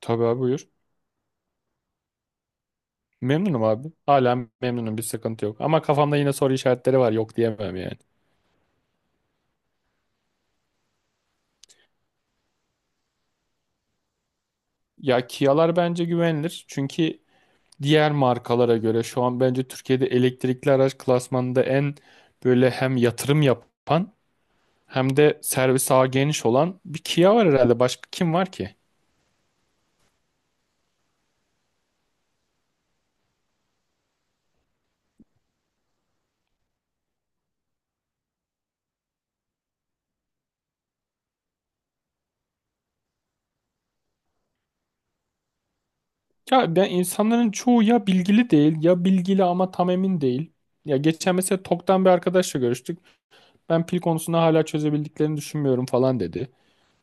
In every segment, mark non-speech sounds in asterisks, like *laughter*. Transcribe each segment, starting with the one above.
Tabii abi buyur. Memnunum abi. Hala memnunum, bir sıkıntı yok. Ama kafamda yine soru işaretleri var, yok diyemem yani. Ya Kia'lar bence güvenilir. Çünkü diğer markalara göre şu an bence Türkiye'de elektrikli araç klasmanında en böyle hem yatırım yapan hem de servis ağı geniş olan bir Kia var herhalde. Başka kim var ki? Ya ben insanların çoğu ya bilgili değil ya bilgili ama tam emin değil. Ya geçen mesela TOK'tan bir arkadaşla görüştük. Ben pil konusunda hala çözebildiklerini düşünmüyorum falan dedi.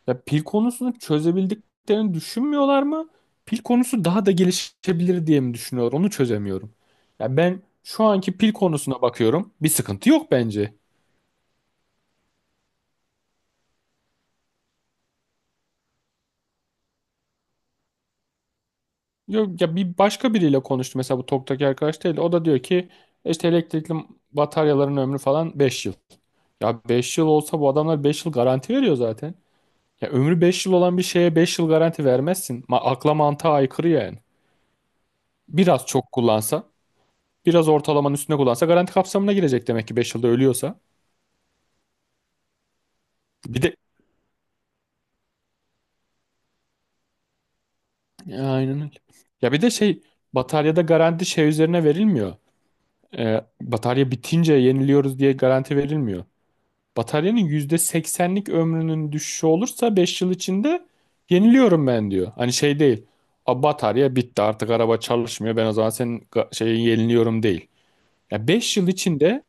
Ya pil konusunu çözebildiklerini düşünmüyorlar mı? Pil konusu daha da gelişebilir diye mi düşünüyorlar? Onu çözemiyorum. Ya ben şu anki pil konusuna bakıyorum. Bir sıkıntı yok bence. Yok ya bir başka biriyle konuştum mesela bu TOK'taki arkadaş değil, de o da diyor ki işte elektrikli bataryaların ömrü falan 5 yıl. Ya 5 yıl olsa bu adamlar 5 yıl garanti veriyor zaten. Ya ömrü 5 yıl olan bir şeye 5 yıl garanti vermezsin. Ma akla mantığa aykırı yani. Biraz çok kullansa. Biraz ortalamanın üstüne kullansa garanti kapsamına girecek demek ki 5 yılda ölüyorsa. Bir de Aynen öyle. Ya bir de şey, bataryada garanti şey üzerine verilmiyor. Batarya bitince yeniliyoruz diye garanti verilmiyor. Bataryanın %80'lik ömrünün düşüşü olursa 5 yıl içinde yeniliyorum ben diyor. Hani şey değil. A, batarya bitti artık araba çalışmıyor, ben o zaman senin şeyi yeniliyorum değil. Ya 5 yıl içinde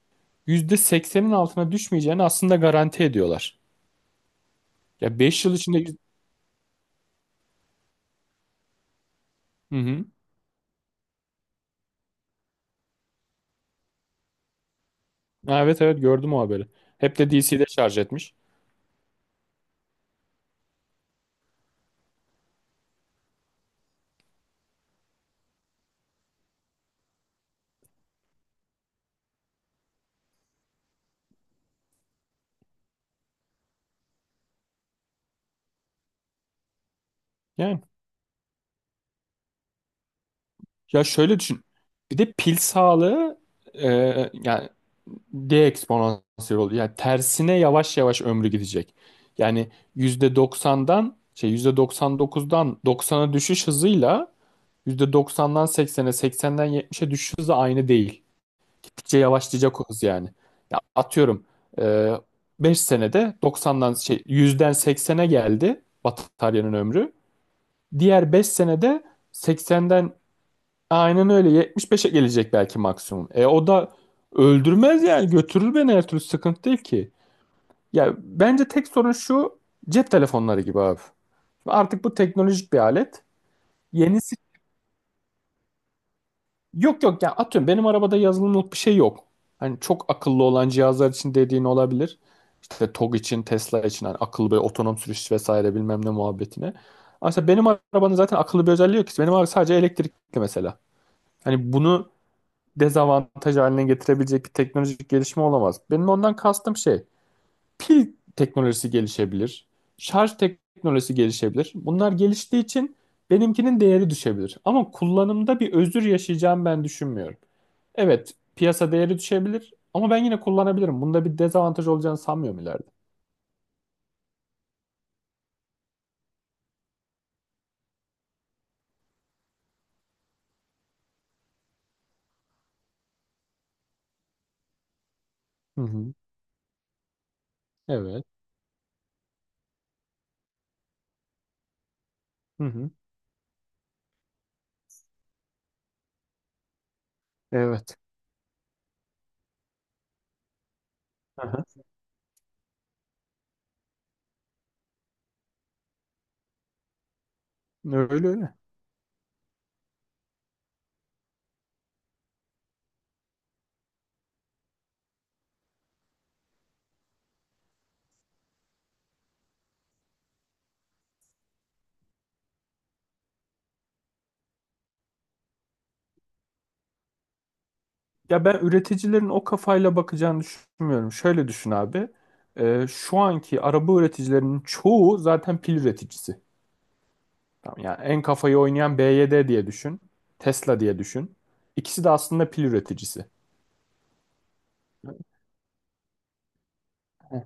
%80'in altına düşmeyeceğini aslında garanti ediyorlar. Ya 5 yıl içinde. Hı hı. Ha, evet evet, gördüm o haberi. Hep de DC'de şarj etmiş. Yani ya şöyle düşün. Bir de pil sağlığı, e, yani D eksponansiyel oluyor. Yani tersine yavaş yavaş ömrü gidecek. Yani %90'dan şey %99'dan %90'a düşüş hızıyla %90'dan %80'e, %80'den %70'e düşüş hızı aynı değil. Gittikçe yavaşlayacak o hız yani. Ya atıyorum e, 5 senede %90'dan şey %100'den seksen'e geldi bataryanın ömrü. Diğer 5 senede %80'den, aynen öyle, %75'e gelecek belki maksimum. O da öldürmez yani, götürür beni her türlü, sıkıntı değil ki. Ya bence tek sorun şu, cep telefonları gibi abi. Artık bu teknolojik bir alet. Yenisi Yok yok, ya atıyorum benim arabada yazılımlık bir şey yok. Hani çok akıllı olan cihazlar için dediğin olabilir. İşte TOG için, Tesla için hani akıllı bir otonom sürüş vesaire bilmem ne muhabbetine. Aslında benim arabanın zaten akıllı bir özelliği yok ki. Benim araba sadece elektrikli mesela. Hani bunu dezavantaj haline getirebilecek bir teknolojik gelişme olamaz. Benim ondan kastım şey, pil teknolojisi gelişebilir, şarj teknolojisi gelişebilir. Bunlar geliştiği için benimkinin değeri düşebilir. Ama kullanımda bir özür yaşayacağım ben düşünmüyorum. Evet, piyasa değeri düşebilir ama ben yine kullanabilirim. Bunda bir dezavantaj olacağını sanmıyorum ileride. Hı hı. Evet. Hı hı. Evet. Aha. Öyle öyle. Ya ben üreticilerin o kafayla bakacağını düşünmüyorum. Şöyle düşün abi. Şu anki araba üreticilerinin çoğu zaten pil üreticisi. Tamam, yani en kafayı oynayan BYD diye düşün. Tesla diye düşün. İkisi de aslında pil üreticisi. Heh.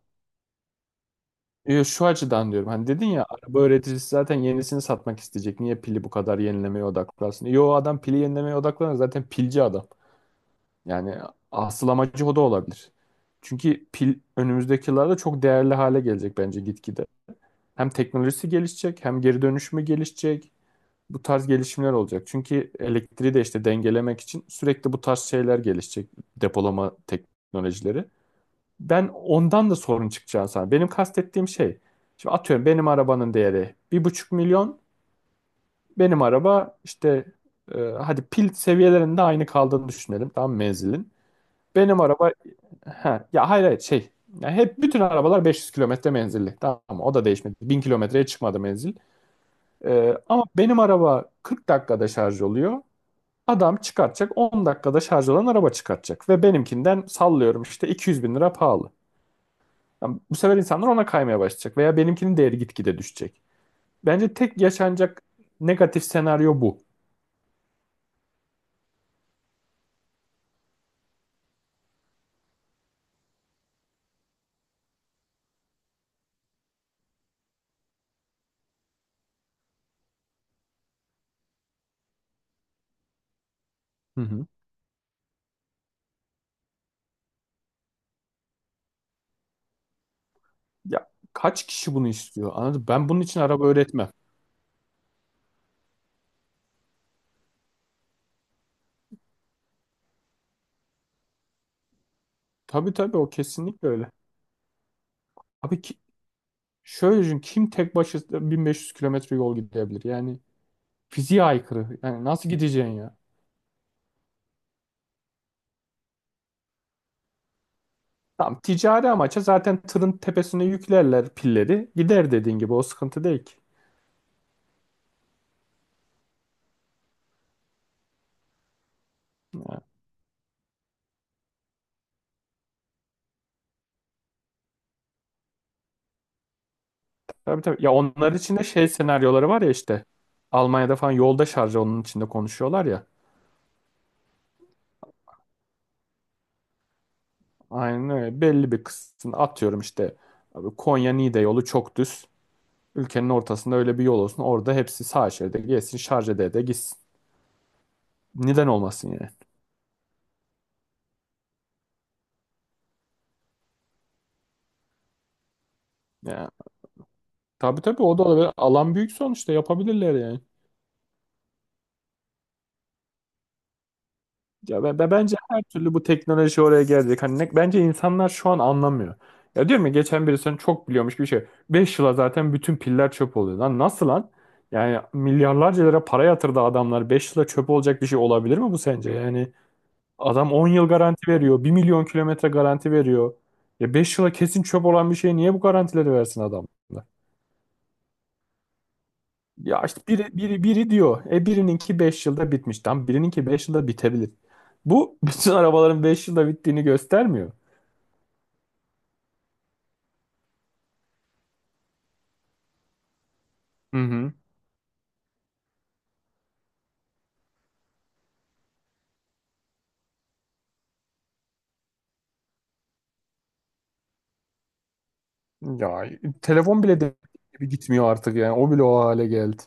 Şu açıdan diyorum. Hani dedin ya, araba üreticisi zaten yenisini satmak isteyecek. Niye pili bu kadar yenilemeye odaklansın? Yo, adam pili yenilemeye odaklanır. Zaten pilci adam. Yani asıl amacı o da olabilir. Çünkü pil önümüzdeki yıllarda çok değerli hale gelecek bence gitgide. Hem teknolojisi gelişecek hem geri dönüşümü gelişecek. Bu tarz gelişimler olacak. Çünkü elektriği de işte dengelemek için sürekli bu tarz şeyler gelişecek. Depolama teknolojileri. Ben ondan da sorun çıkacağını sanıyorum. Benim kastettiğim şey. Şimdi atıyorum benim arabanın değeri 1,5 milyon. Benim araba işte, hadi pil seviyelerinde aynı kaldığını düşünelim. Tamam, menzilin. Benim araba Ha, ya hayır hayır, şey. Ya hep bütün arabalar 500 kilometre menzilli. Tamam, o da değişmedi. 1.000 kilometreye çıkmadı menzil. Ama benim araba 40 dakikada şarj oluyor. Adam çıkartacak, 10 dakikada şarj olan araba çıkartacak. Ve benimkinden sallıyorum işte 200 bin lira pahalı. Yani bu sefer insanlar ona kaymaya başlayacak veya benimkinin değeri gitgide düşecek. Bence tek yaşanacak negatif senaryo bu. Hı hı. Ya kaç kişi bunu istiyor? Anladın mı? Ben bunun için araba öğretmem. Tabii tabii, o kesinlikle öyle. Abi ki, şöyle düşün, kim tek başına 1.500 kilometre yol gidebilir? Yani fiziğe aykırı. Yani nasıl gideceksin ya? Tam ticari amaça zaten tırın tepesine yüklerler pilleri. Gider, dediğin gibi, o sıkıntı değil ki. Ya, tabii tabii. Ya onlar için de şey senaryoları var ya işte. Almanya'da falan yolda şarjı onun içinde konuşuyorlar ya. Aynen öyle. Belli bir kısmını atıyorum işte. Abi Konya-Niğde yolu çok düz. Ülkenin ortasında öyle bir yol olsun. Orada hepsi sağ şeride gelsin, şarj ede de gitsin. Neden olmasın yani. Ya, tabii tabii o da olabilir. Alan büyük sonuçta, yapabilirler yani. Ya bence her türlü bu teknoloji oraya gelecek. Hani bence insanlar şu an anlamıyor. Ya diyorum ya, geçen biri sen çok biliyormuş bir şey. 5 yıla zaten bütün piller çöp oluyor. Lan nasıl lan? Yani milyarlarca lira para yatırdı adamlar. 5 yıla çöp olacak bir şey olabilir mi bu sence? Yani adam 10 yıl garanti veriyor. 1.000.000 kilometre garanti veriyor. Ya 5 yıla kesin çöp olan bir şey niye bu garantileri versin adam? Ya işte biri, biri, biri diyor. Birininki 5 yılda bitmiş. Tam birininki 5 yılda bitebilir. Bu *laughs* bütün arabaların 5 yılda bittiğini göstermiyor. Hı hı. Ya telefon bile de gibi gitmiyor artık yani. O bile o hale geldi.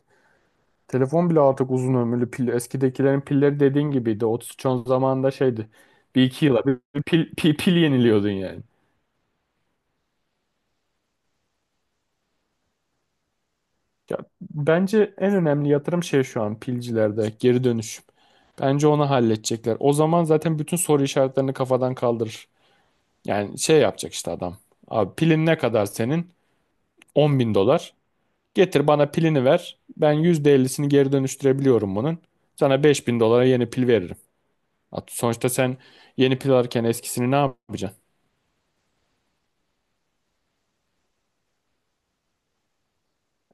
Telefon bile artık uzun ömürlü pil. Eskidekilerin pilleri dediğin gibiydi. 3310 zamanında şeydi. Bir iki yıla bir pil yeniliyordun yani. Ya, bence en önemli yatırım şey, şu an pilcilerde geri dönüşüm. Bence onu halledecekler. O zaman zaten bütün soru işaretlerini kafadan kaldırır. Yani şey yapacak işte adam. Abi pilin ne kadar senin? 10.000 dolar. Getir bana pilini ver. Ben %50'sini geri dönüştürebiliyorum bunun. Sana 5.000 dolara yeni pil veririm. Sonuçta sen yeni pil alırken eskisini ne yapacaksın?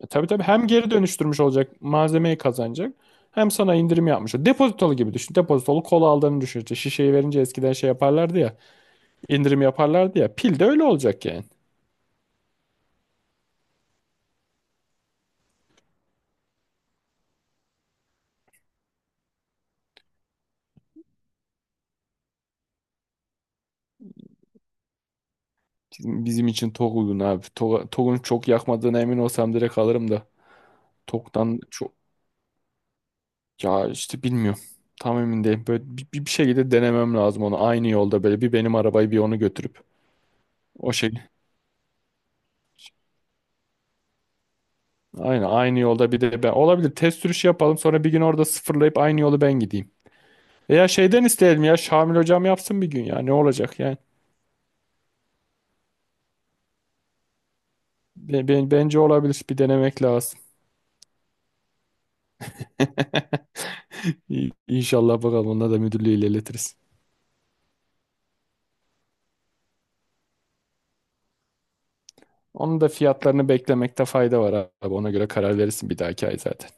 Tabii tabii, hem geri dönüştürmüş olacak, malzemeyi kazanacak. Hem sana indirim yapmış. Olacak. Depozitolu gibi düşün. Depozitolu kola aldığını düşün. İşte şişeyi verince eskiden şey yaparlardı ya. İndirim yaparlardı ya. Pil de öyle olacak yani. Bizim için çok uygun abi. Togg'un çok yakmadığına emin olsam direkt alırım da. Tok'tan çok, ya işte bilmiyorum. Tam emin değilim. Böyle bir şekilde denemem lazım onu. Aynı yolda böyle bir benim arabayı bir onu götürüp o şey. Aynı yolda bir de ben. Olabilir, test sürüşü yapalım, sonra bir gün orada sıfırlayıp aynı yolu ben gideyim. Veya şeyden isteyelim ya, Şamil hocam yapsın bir gün, ya ne olacak yani. Bence olabilir, bir denemek lazım. *laughs* İnşallah bakalım, onda da müdürlüğü ilerletiriz. Onun da fiyatlarını beklemekte fayda var abi. Ona göre karar verirsin bir dahaki ay zaten.